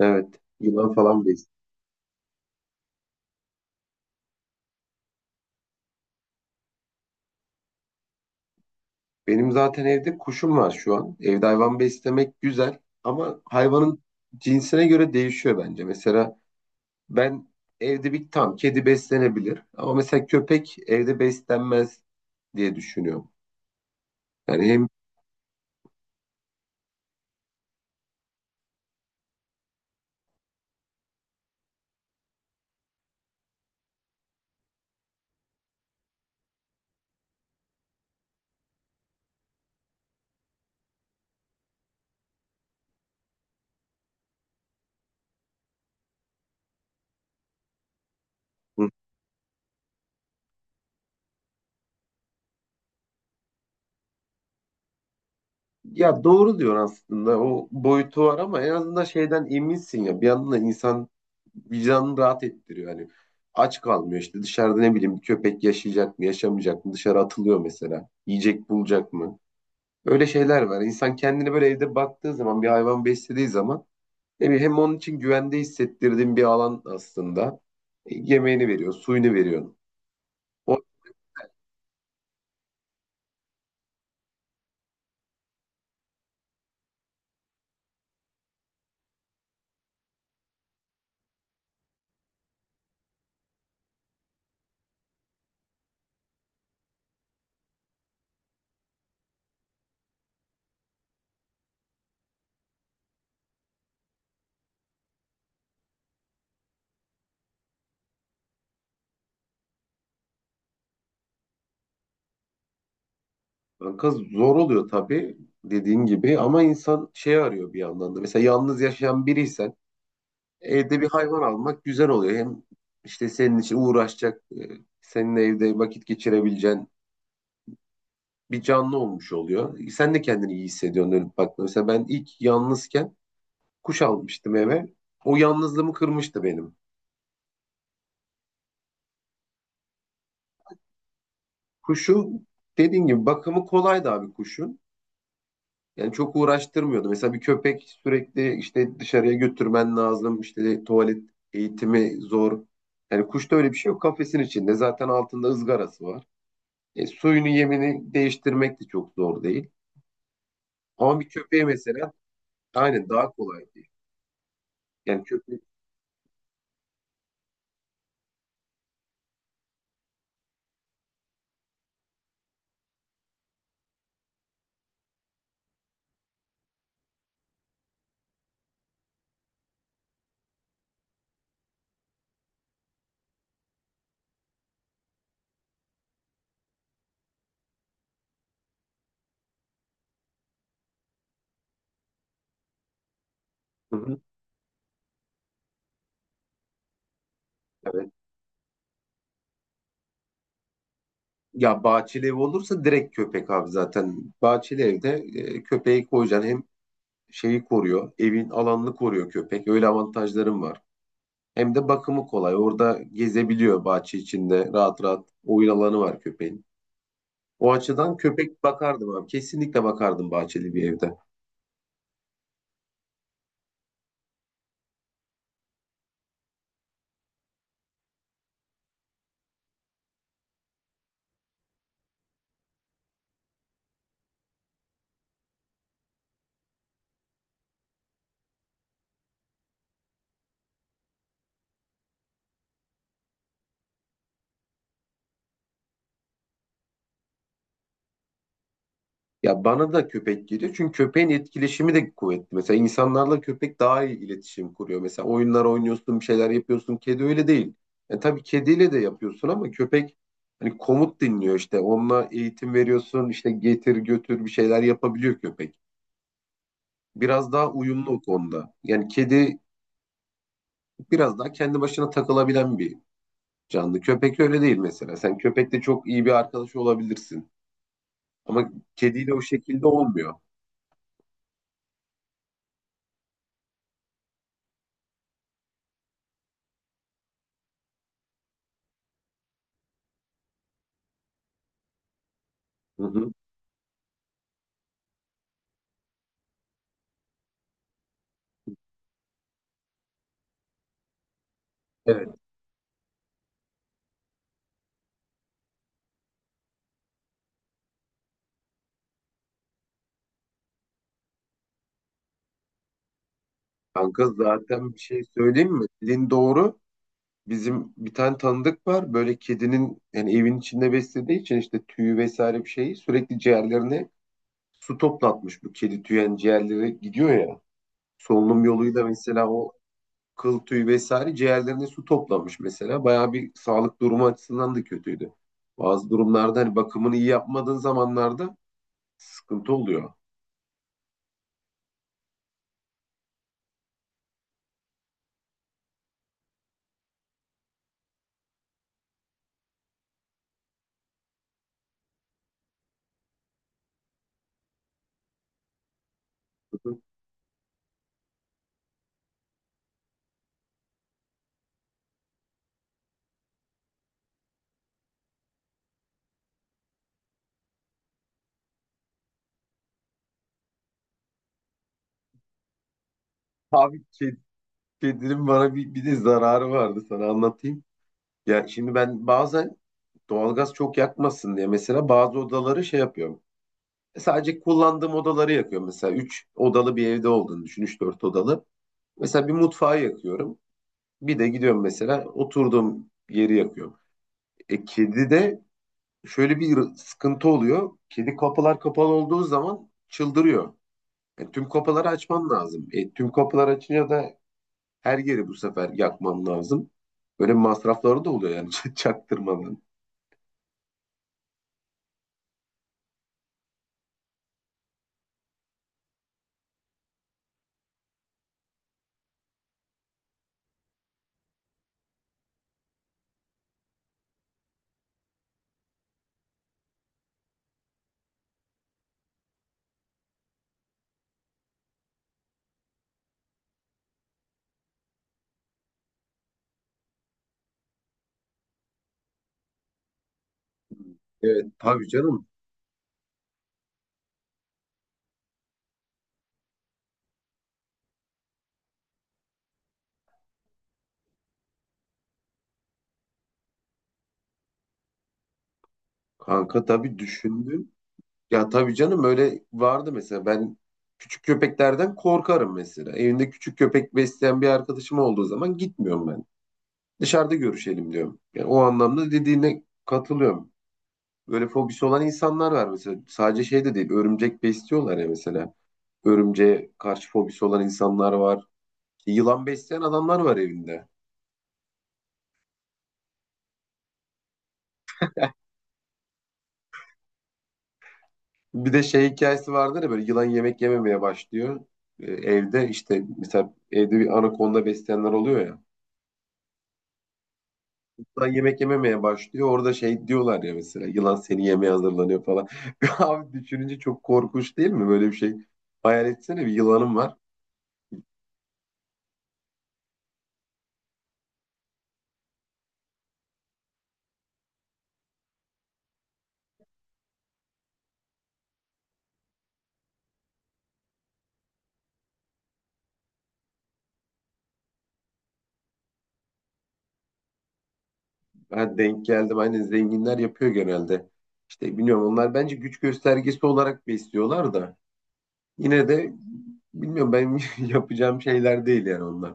Evet, yılan falan besliyor. Benim zaten evde kuşum var şu an. Evde hayvan beslemek güzel ama hayvanın cinsine göre değişiyor bence. Mesela ben evde bir tam kedi beslenebilir ama mesela köpek evde beslenmez diye düşünüyorum. Yani hem... Hı. Ya doğru diyor aslında, o boyutu var ama en azından şeyden eminsin ya, bir yandan da insan vicdanını rahat ettiriyor. Hani aç kalmıyor, işte dışarıda ne bileyim bir köpek yaşayacak mı yaşamayacak mı, dışarı atılıyor mesela, yiyecek bulacak mı, öyle şeyler var. İnsan kendini böyle evde baktığı zaman, bir hayvan beslediği zaman, ne bileyim, hem onun için güvende hissettirdiğin bir alan aslında. Yemeğini veriyor, suyunu veriyor. O... Kanka, zor oluyor tabii dediğin gibi, ama insan şey arıyor bir yandan da. Mesela yalnız yaşayan biriysen evde bir hayvan almak güzel oluyor. Hem işte senin için uğraşacak, seninle evde vakit geçirebileceğin bir canlı olmuş oluyor. Sen de kendini iyi hissediyorsun dönüp baktığında. Mesela ben ilk yalnızken kuş almıştım eve. O yalnızlığımı kırmıştı benim. Kuşu dediğin gibi bakımı kolaydı abi kuşun. Yani çok uğraştırmıyordu. Mesela bir köpek sürekli işte dışarıya götürmen lazım. İşte tuvalet eğitimi zor. Yani kuşta öyle bir şey yok. Kafesin içinde zaten altında ızgarası var. Suyunu yemini değiştirmek de çok zor değil. Ama bir köpeğe mesela... Aynen, daha kolay değil. Yani köpek... Hı hı, evet. Ya bahçeli ev olursa direkt köpek abi zaten. Bahçeli evde köpeği koyacaksın, hem şeyi koruyor, evin alanını koruyor köpek. Öyle avantajlarım var. Hem de bakımı kolay. Orada gezebiliyor bahçe içinde. Rahat rahat oyun alanı var köpeğin. O açıdan köpek bakardım abi. Kesinlikle bakardım bahçeli bir evde. Ya bana da köpek geliyor. Çünkü köpeğin etkileşimi de kuvvetli. Mesela insanlarla köpek daha iyi iletişim kuruyor. Mesela oyunlar oynuyorsun, bir şeyler yapıyorsun. Kedi öyle değil. Yani tabii kediyle de yapıyorsun ama köpek hani komut dinliyor işte. Onunla eğitim veriyorsun. İşte getir götür bir şeyler yapabiliyor köpek. Biraz daha uyumlu o konuda. Yani kedi biraz daha kendi başına takılabilen bir canlı. Köpek öyle değil mesela. Sen köpekle çok iyi bir arkadaş olabilirsin. Ama kediyle o şekilde olmuyor. Hı hı. Evet. Kanka, zaten bir şey söyleyeyim mi? Dediğin doğru. Bizim bir tane tanıdık var. Böyle kedinin yani evin içinde beslediği için işte tüyü vesaire bir şeyi sürekli ciğerlerine su toplatmış. Bu kedi tüyü yani ciğerlere gidiyor ya. Solunum yoluyla mesela o kıl tüyü vesaire ciğerlerine su toplamış mesela. Bayağı bir sağlık durumu açısından da kötüydü. Bazı durumlarda hani bakımını iyi yapmadığın zamanlarda sıkıntı oluyor. Abi, kedinin bana bir de zararı vardı, sana anlatayım. Yani şimdi ben bazen doğalgaz çok yakmasın diye mesela bazı odaları şey yapıyorum. Sadece kullandığım odaları yakıyorum. Mesela 3 odalı bir evde olduğunu düşün. 3-4 odalı. Mesela bir mutfağı yakıyorum. Bir de gidiyorum mesela oturduğum yeri yakıyorum. Kedi de şöyle bir sıkıntı oluyor. Kedi kapılar kapalı olduğu zaman çıldırıyor. Tüm kapıları açman lazım. Tüm kapılar açınca da her yeri bu sefer yakmam lazım. Böyle masrafları da oluyor yani çaktırmadan. Evet, tabii canım. Kanka, tabii düşündüm. Ya tabii canım, öyle vardı mesela. Ben küçük köpeklerden korkarım mesela. Evinde küçük köpek besleyen bir arkadaşım olduğu zaman gitmiyorum ben. Dışarıda görüşelim diyorum. Yani o anlamda dediğine katılıyorum. Böyle fobisi olan insanlar var mesela. Sadece şey de değil. Örümcek besliyorlar ya mesela. Örümceğe karşı fobisi olan insanlar var. İşte yılan besleyen adamlar var evinde. Bir de şey hikayesi vardır ya, böyle yılan yemek yememeye başlıyor. Evde işte mesela evde bir anakonda besleyenler oluyor ya. Yılan yemek yememeye başlıyor. Orada şey diyorlar ya, mesela yılan seni yemeye hazırlanıyor falan. Abi düşününce çok korkunç değil mi? Böyle bir şey. Hayal etsene, bir yılanım var. Ha, denk geldim. Aynen, zenginler yapıyor genelde. İşte bilmiyorum, onlar bence güç göstergesi olarak besliyorlar da. Yine de bilmiyorum ben, yapacağım şeyler değil yani onlar.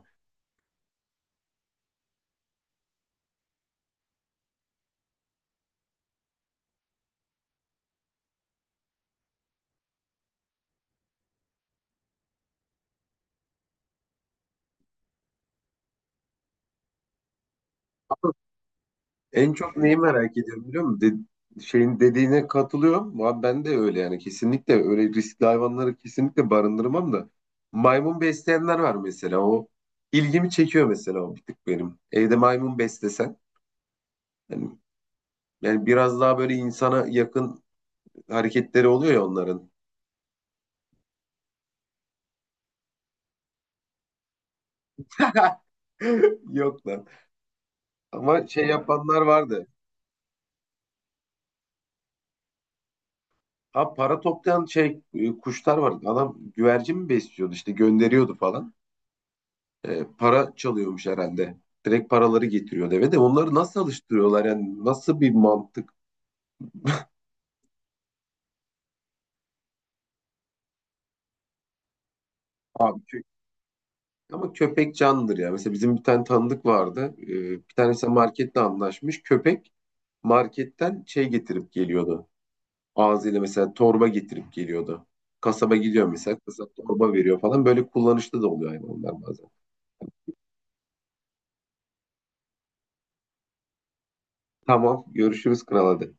En çok neyi merak ediyorum biliyor musun? Şeyin dediğine katılıyorum, ama ben de öyle yani, kesinlikle öyle riskli hayvanları kesinlikle barındırmam da. Maymun besleyenler var mesela, o ilgimi çekiyor mesela, o bir tık benim. Evde maymun beslesen, yani, yani biraz daha böyle insana yakın hareketleri oluyor ya onların. Yok lan. Ama şey yapanlar vardı. Ha, para toplayan şey kuşlar vardı. Adam güvercin mi besliyordu işte, gönderiyordu falan. Para çalıyormuş herhalde. Direkt paraları getiriyor eve, de onları nasıl alıştırıyorlar yani, nasıl bir mantık... abi kö- Ama köpek canlıdır ya. Mesela bizim bir tane tanıdık vardı. Bir tanesi marketle anlaşmış. Köpek marketten şey getirip geliyordu. Ağzıyla mesela torba getirip geliyordu. Kasaba gidiyor mesela, kasap torba veriyor falan. Böyle kullanışlı da oluyor hayvanlar bazen. Tamam, görüşürüz kral, hadi.